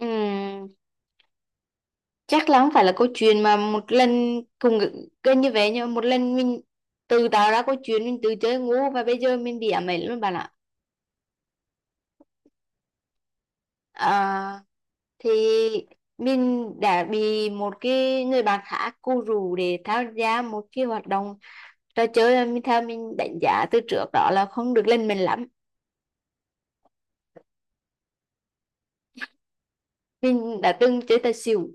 Ừm, chắc là không phải là câu chuyện mà một lần cùng gần như vậy, nhưng mà một lần mình tự tạo ra câu chuyện, mình tự chơi ngu và bây giờ mình bị ám ảnh luôn bạn ạ. à, thì mình đã bị một cái người bạn khác cô rủ để tham gia một cái hoạt động, trò chơi mà mình theo mình đánh giá từ trước đó là không được lên mình lắm. Mình đã từng chơi tài xỉu.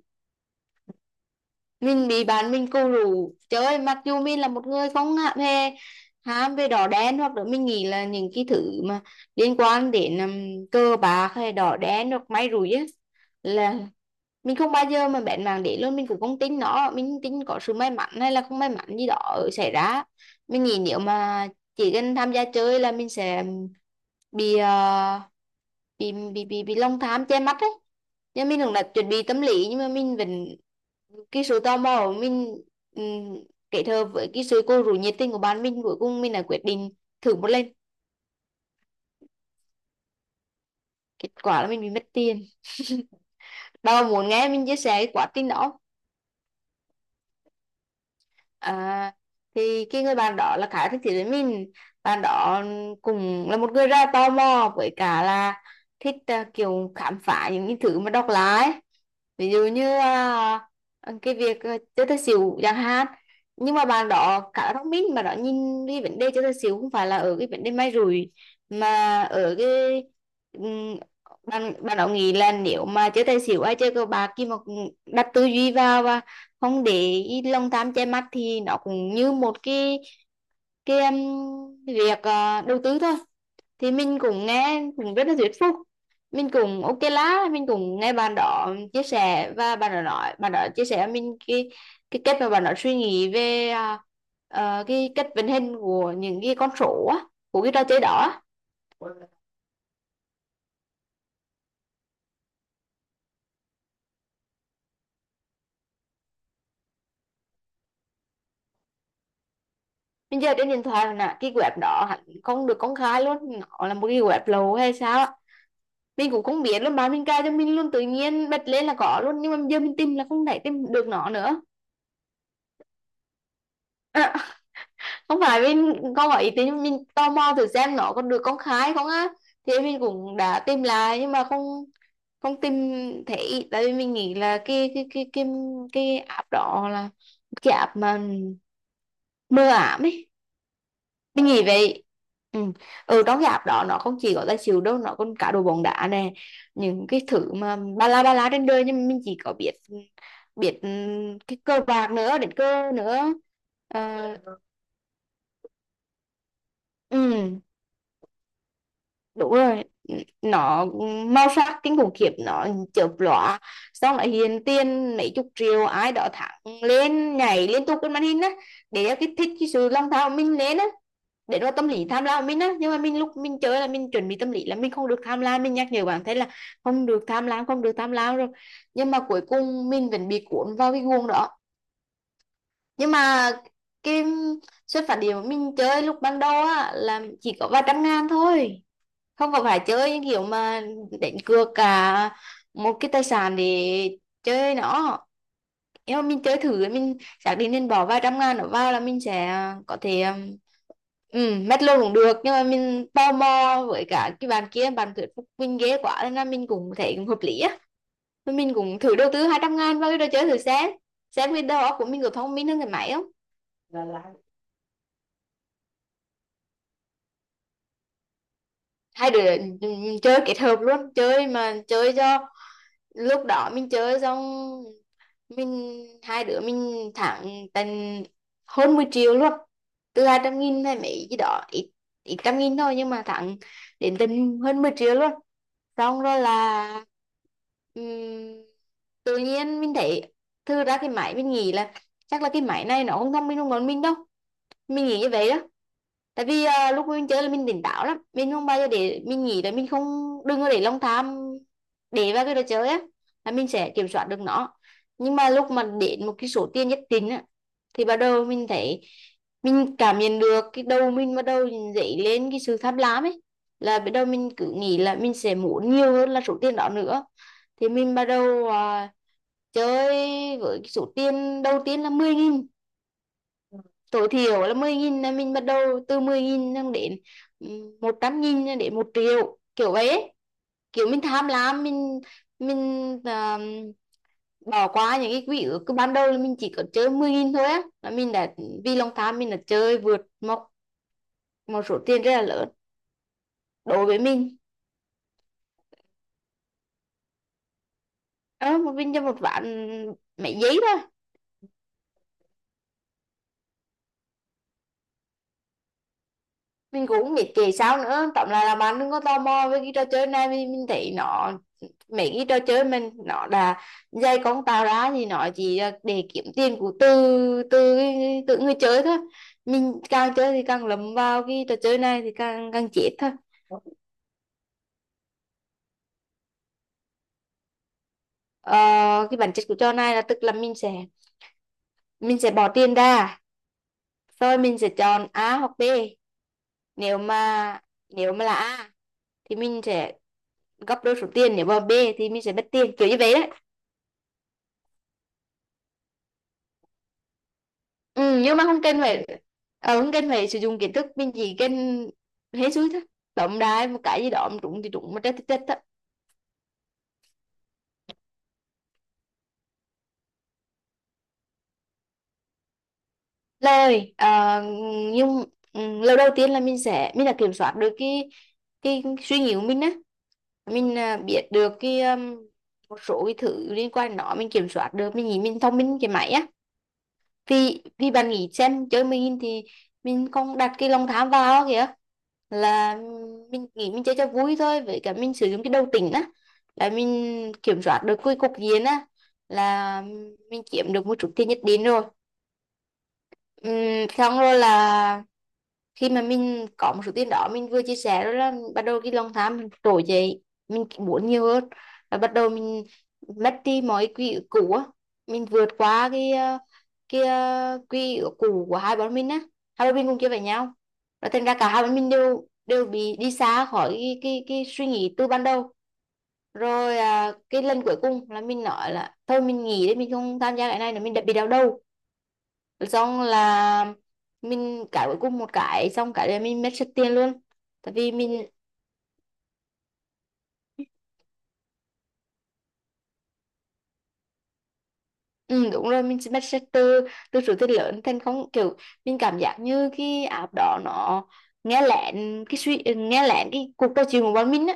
Mình bị bạn mình cù rủ trời ơi, mặc dù mình là một người không hề ham về đỏ đen, hoặc là mình nghĩ là những cái thứ mà liên quan đến cờ bạc hay đỏ đen hoặc may rủi á, là mình không bao giờ mà bén mảng để luôn. Mình cũng không tin nó, mình tin có sự may mắn hay là không may mắn gì đó xảy ra. Mình nghĩ nếu mà chỉ cần tham gia chơi là mình sẽ bị bị lòng tham che mắt ấy. Nhưng mình cũng đã chuẩn bị tâm lý nhưng mà mình vẫn cái sự tò mò của mình, um, kết hợp với cái sự cô rủ nhiệt tình của bạn mình, cuối cùng mình đã quyết định thử một lần. Kết quả là mình bị mất tiền. Bà có muốn nghe mình chia sẻ cái quá trình đó không? À, thì cái người bạn đó là khá thích thú với mình. Bạn đó cũng là một người rất là tò mò, với cả là thích kiểu khám phá những cái thứ mà độc lạ ấy. Ví dụ như cái việc chơi tài xỉu chẳng hạn. Nhưng mà bạn đó khá là thông minh, mà đó nhìn cái vấn đề chơi tài xỉu không phải là ở cái vấn đề may rủi, mà ở cái ừm, bạn bạn đó nghĩ là nếu mà chơi tài xỉu hay chơi cờ bạc, khi mà đặt tư duy vào và không để ý lòng tham che mắt, thì nó cũng như một cái việc đầu tư thôi. Thì mình cũng nghe cũng rất là thuyết phục, mình cũng ok lá, mình cũng nghe bạn đó chia sẻ, và bạn đó nói, bạn đó chia sẻ với mình cái cách mà bạn đó suy nghĩ về cái cách vận hành của những cái con số á, của cái trò chơi đó á. Mình giờ trên điện thoại là cái web đó hẳn không được công khai luôn, nó là một cái web lậu hay sao mình cũng không biết luôn. Bạn mình cài cho mình luôn, tự nhiên bật lên là có luôn, nhưng mà giờ mình tìm là không thể tìm được nó nữa. Không phải mình không có ý tính, mình tò mò thử xem nó có được công khai không á. Thì mình cũng đã tìm lại nhưng mà không không tìm thấy, tại vì mình nghĩ là cái cái app đó là cái app mà mờ ảm ấy. Cái gì vậy? Ừ. Ừ, đóng dạp đó nó không chỉ có là chịu đâu, nó còn cả đồ bóng đá nè. Những cái thứ mà ba la trên đời, nhưng mà mình chỉ có biết biết cái cờ bạc nữa, đến cơ nữa. Ờ, ừ. Đúng rồi, nó màu sắc kinh khủng khiếp, nó chớp lóa, xong lại hiện tiền mấy chục triệu ai đó thẳng lên nhảy liên tục trên màn hình á, để kích thích cái sự lòng tham của mình lên á, để nó tâm lý tham lam của mình á. Nhưng mà mình lúc mình chơi là mình chuẩn bị tâm lý là mình không được tham lam, mình nhắc nhở bản thân là không được tham lam, không được tham lam rồi, nhưng mà cuối cùng mình vẫn bị cuốn vào cái guồng đó. Nhưng mà cái xuất phát điểm của mình chơi lúc ban đầu á là chỉ có vài trăm ngàn thôi, không có phải chơi những kiểu mà đánh cược cả một cái tài sản để chơi nó. Nếu mà mình chơi thử, mình xác định mình bỏ vài trăm ngàn nó vào là mình sẽ có thể ừ, mất luôn cũng được, nhưng mà mình tò mò với cả cái bạn kia bạn thuyết phục mình ghê quá nên là mình cũng thấy cũng hợp lý á. Thôi mình cũng thử đầu tư 200.000 vào cái đồ chơi thử xem cái đầu óc của mình có thông minh hơn cái máy không. Hai đứa, ừ, ừ, chơi kết hợp luôn, chơi mà chơi cho lúc đó mình chơi xong mình hai đứa mình thắng tận hơn 10 triệu luôn. Từ 200.000 hay mấy gì đó, ít ít trăm nghìn thôi, nhưng mà thắng đến tận hơn 10 triệu luôn. Xong rồi là ừm, tự nhiên mình thấy thư ra cái máy, mình nghĩ là chắc là cái máy này nó không thông minh hơn bọn mình đâu, mình nghĩ như vậy đó. Tại vì lúc mình chơi là mình tỉnh táo lắm, mình không bao giờ để mình nghĩ là mình không, đừng có để lòng tham để vào cái đồ chơi á, là mình sẽ kiểm soát được nó. Nhưng mà lúc mà đến một cái số tiền nhất định á, thì bắt đầu mình thấy mình cảm nhận được cái đầu mình bắt đầu dậy lên cái sự tham lam ấy, là bắt đầu mình cứ nghĩ là mình sẽ muốn nhiều hơn là số tiền đó nữa. Thì mình bắt đầu chơi với cái số tiền đầu tiên là 10.000. Tối thiểu là 10.000, là mình bắt đầu từ 10.000 xong đến ừ, 100.000 cho đến 1 triệu kiểu vậy ấy. Kiểu mình tham lam, mình à, bỏ qua những cái quỹ ước, cứ ban đầu là mình chỉ có chơi 10.000 thôi á, là mình đã vì lòng tham mình đã chơi vượt một một số tiền rất là lớn đối với mình. Ờ một mình cho một vạn mấy giấy thôi. Mình cũng không biết kể sao nữa, tóm lại là bạn đừng có tò mò với cái trò chơi này, vì mình thấy nó mấy cái trò chơi mình nó đã dây con tàu ra thì nó chỉ để kiếm tiền của từ từ tự người chơi thôi. Mình càng chơi thì càng lấm vào cái trò chơi này thì càng càng chết thôi. Ờ, cái bản chất của trò này là, tức là mình sẽ bỏ tiền ra, rồi mình sẽ chọn A hoặc B. Nếu mà nếu mà là A thì mình sẽ gấp đôi số tiền, nếu mà B thì mình sẽ mất tiền kiểu như vậy đấy. Ừ, nhưng mà không cần phải không cần phải sử dụng kiến thức, mình chỉ cần hết sức thôi. Tổng đài một cái gì đó mà trúng thì trúng mà chết thì chết thôi. Lời nhưng ừ, lời đầu tiên là mình sẽ mình đã kiểm soát được cái suy nghĩ của mình á. Mình biết được cái một số cái thứ liên quan đến nó, mình kiểm soát được, mình nghĩ mình thông minh cái máy á. Vì vì bạn nghĩ xem chơi mình thì mình không đặt cái lòng tham vào kìa, là mình nghĩ mình chơi cho vui thôi, với cả mình sử dụng cái đầu tỉnh á, là mình kiểm soát được cái cục diện á, là mình kiếm được một chút tiền nhất định rồi. Xong rồi là khi mà mình có một số tiền đó mình vừa chia sẻ rồi, là bắt đầu cái lòng tham mình trỗi dậy, mình muốn nhiều hơn, và bắt đầu mình mất đi mọi quỹ ước cũ á. Mình vượt qua cái cái quỹ ước cũ của hai bọn mình á, hai bọn mình cùng chơi với nhau, và thành ra cả hai bọn mình đều đều bị đi xa khỏi cái cái suy nghĩ từ ban đầu. Rồi cái lần cuối cùng là mình nói là thôi mình nghỉ đi, mình không tham gia cái này nữa, mình đã bị đau đầu. Xong là mình cãi cuối cùng một cái, xong cái là mình mất sạch tiền luôn. Tại vì mình ừ, đúng rồi, mình mất sạch từ từ số tiền lớn thành không, kiểu mình cảm giác như cái app đó nó nghe lén cái suy, nghe lén cái cuộc trò chuyện của bọn mình á.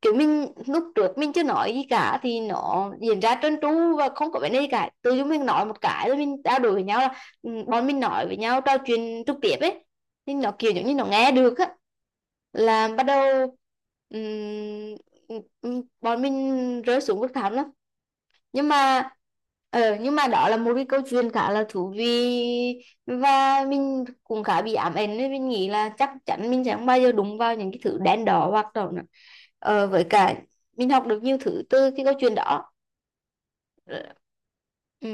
Kiểu mình lúc trước mình chưa nói gì cả thì nó diễn ra trơn tru và không có vấn đề gì cả, tự dưng mình nói một cái rồi mình trao đổi với nhau là ừ, bọn mình nói với nhau trò chuyện trực tiếp ấy, thì nó kiểu giống như nó nghe được á, là bắt đầu bọn mình rơi xuống vực thẳm lắm. Nhưng mà nhưng mà đó là một cái câu chuyện khá là thú vị, và mình cũng khá bị ám ảnh, nên mình nghĩ là chắc chắn mình sẽ không bao giờ đụng vào những cái thứ đen đỏ hoặc đó nữa. Ờ, với cả mình học được nhiều thứ từ cái câu chuyện đó. Ờ, ừ.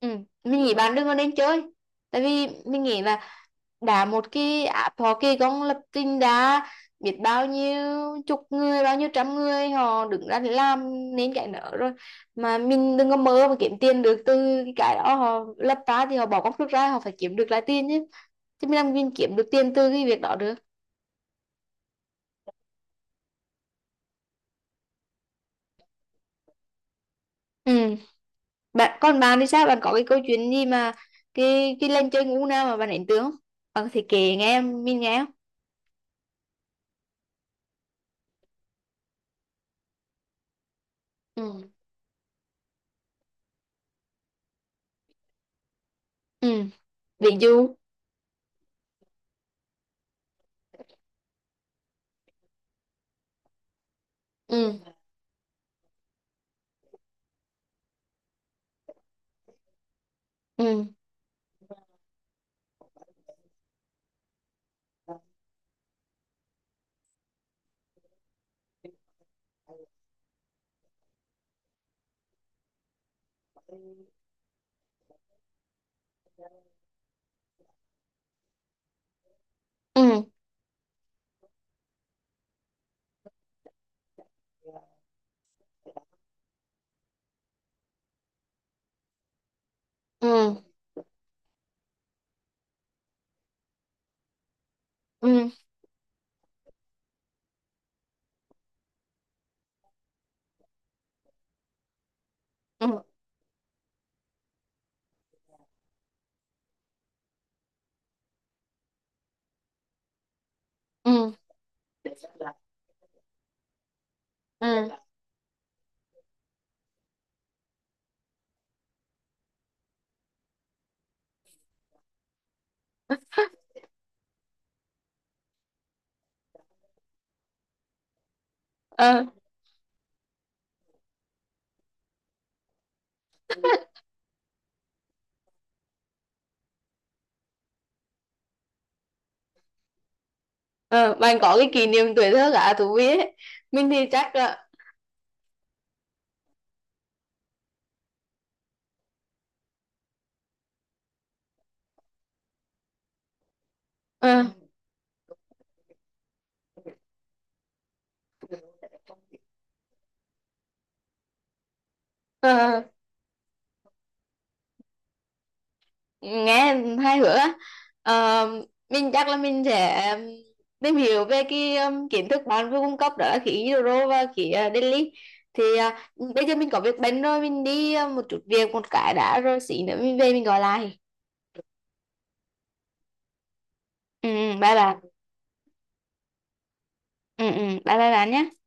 Ừ. Mình nghĩ bạn đừng có nên chơi, tại vì mình nghĩ là đã một cái app họ kỳ công lập trình đã biết bao nhiêu chục người bao nhiêu trăm người họ đứng ra để làm nên cái nợ rồi, mà mình đừng có mơ mà kiếm tiền được từ cái đó. Họ lập ra thì họ bỏ công sức ra họ phải kiếm được lại tiền chứ, chứ mình làm mình kiếm được tiền từ cái việc đó được. Ừ. Bạn còn, bạn thì sao, bạn có cái câu chuyện gì mà cái lần chơi ngủ nào mà bạn ấn tượng không, bạn thì kể nghe em, mình nghe không. Ừ. Ừ. Ví dụ. Ừ. Ừ. Ừ. Ừ. Ừ. Ừ. Ừ. Ừ. Ờ. Ờ bạn có cái kỷ niệm tuổi thơ cả thú vị ấy. Mình thì chắc là ờ. Ờ nghe hai hứa á. Ờ, mình chắc là mình sẽ tìm hiểu về cái kiến thức bạn vừa cung cấp, đó là khí Euro và khí Delhi. Thì bây giờ mình có việc bận rồi, mình đi một chút việc một cái đã, rồi xí nữa mình về mình gọi lại. Ừ ừ, bye bye. Ừ ừ, bye bye bạn nhé.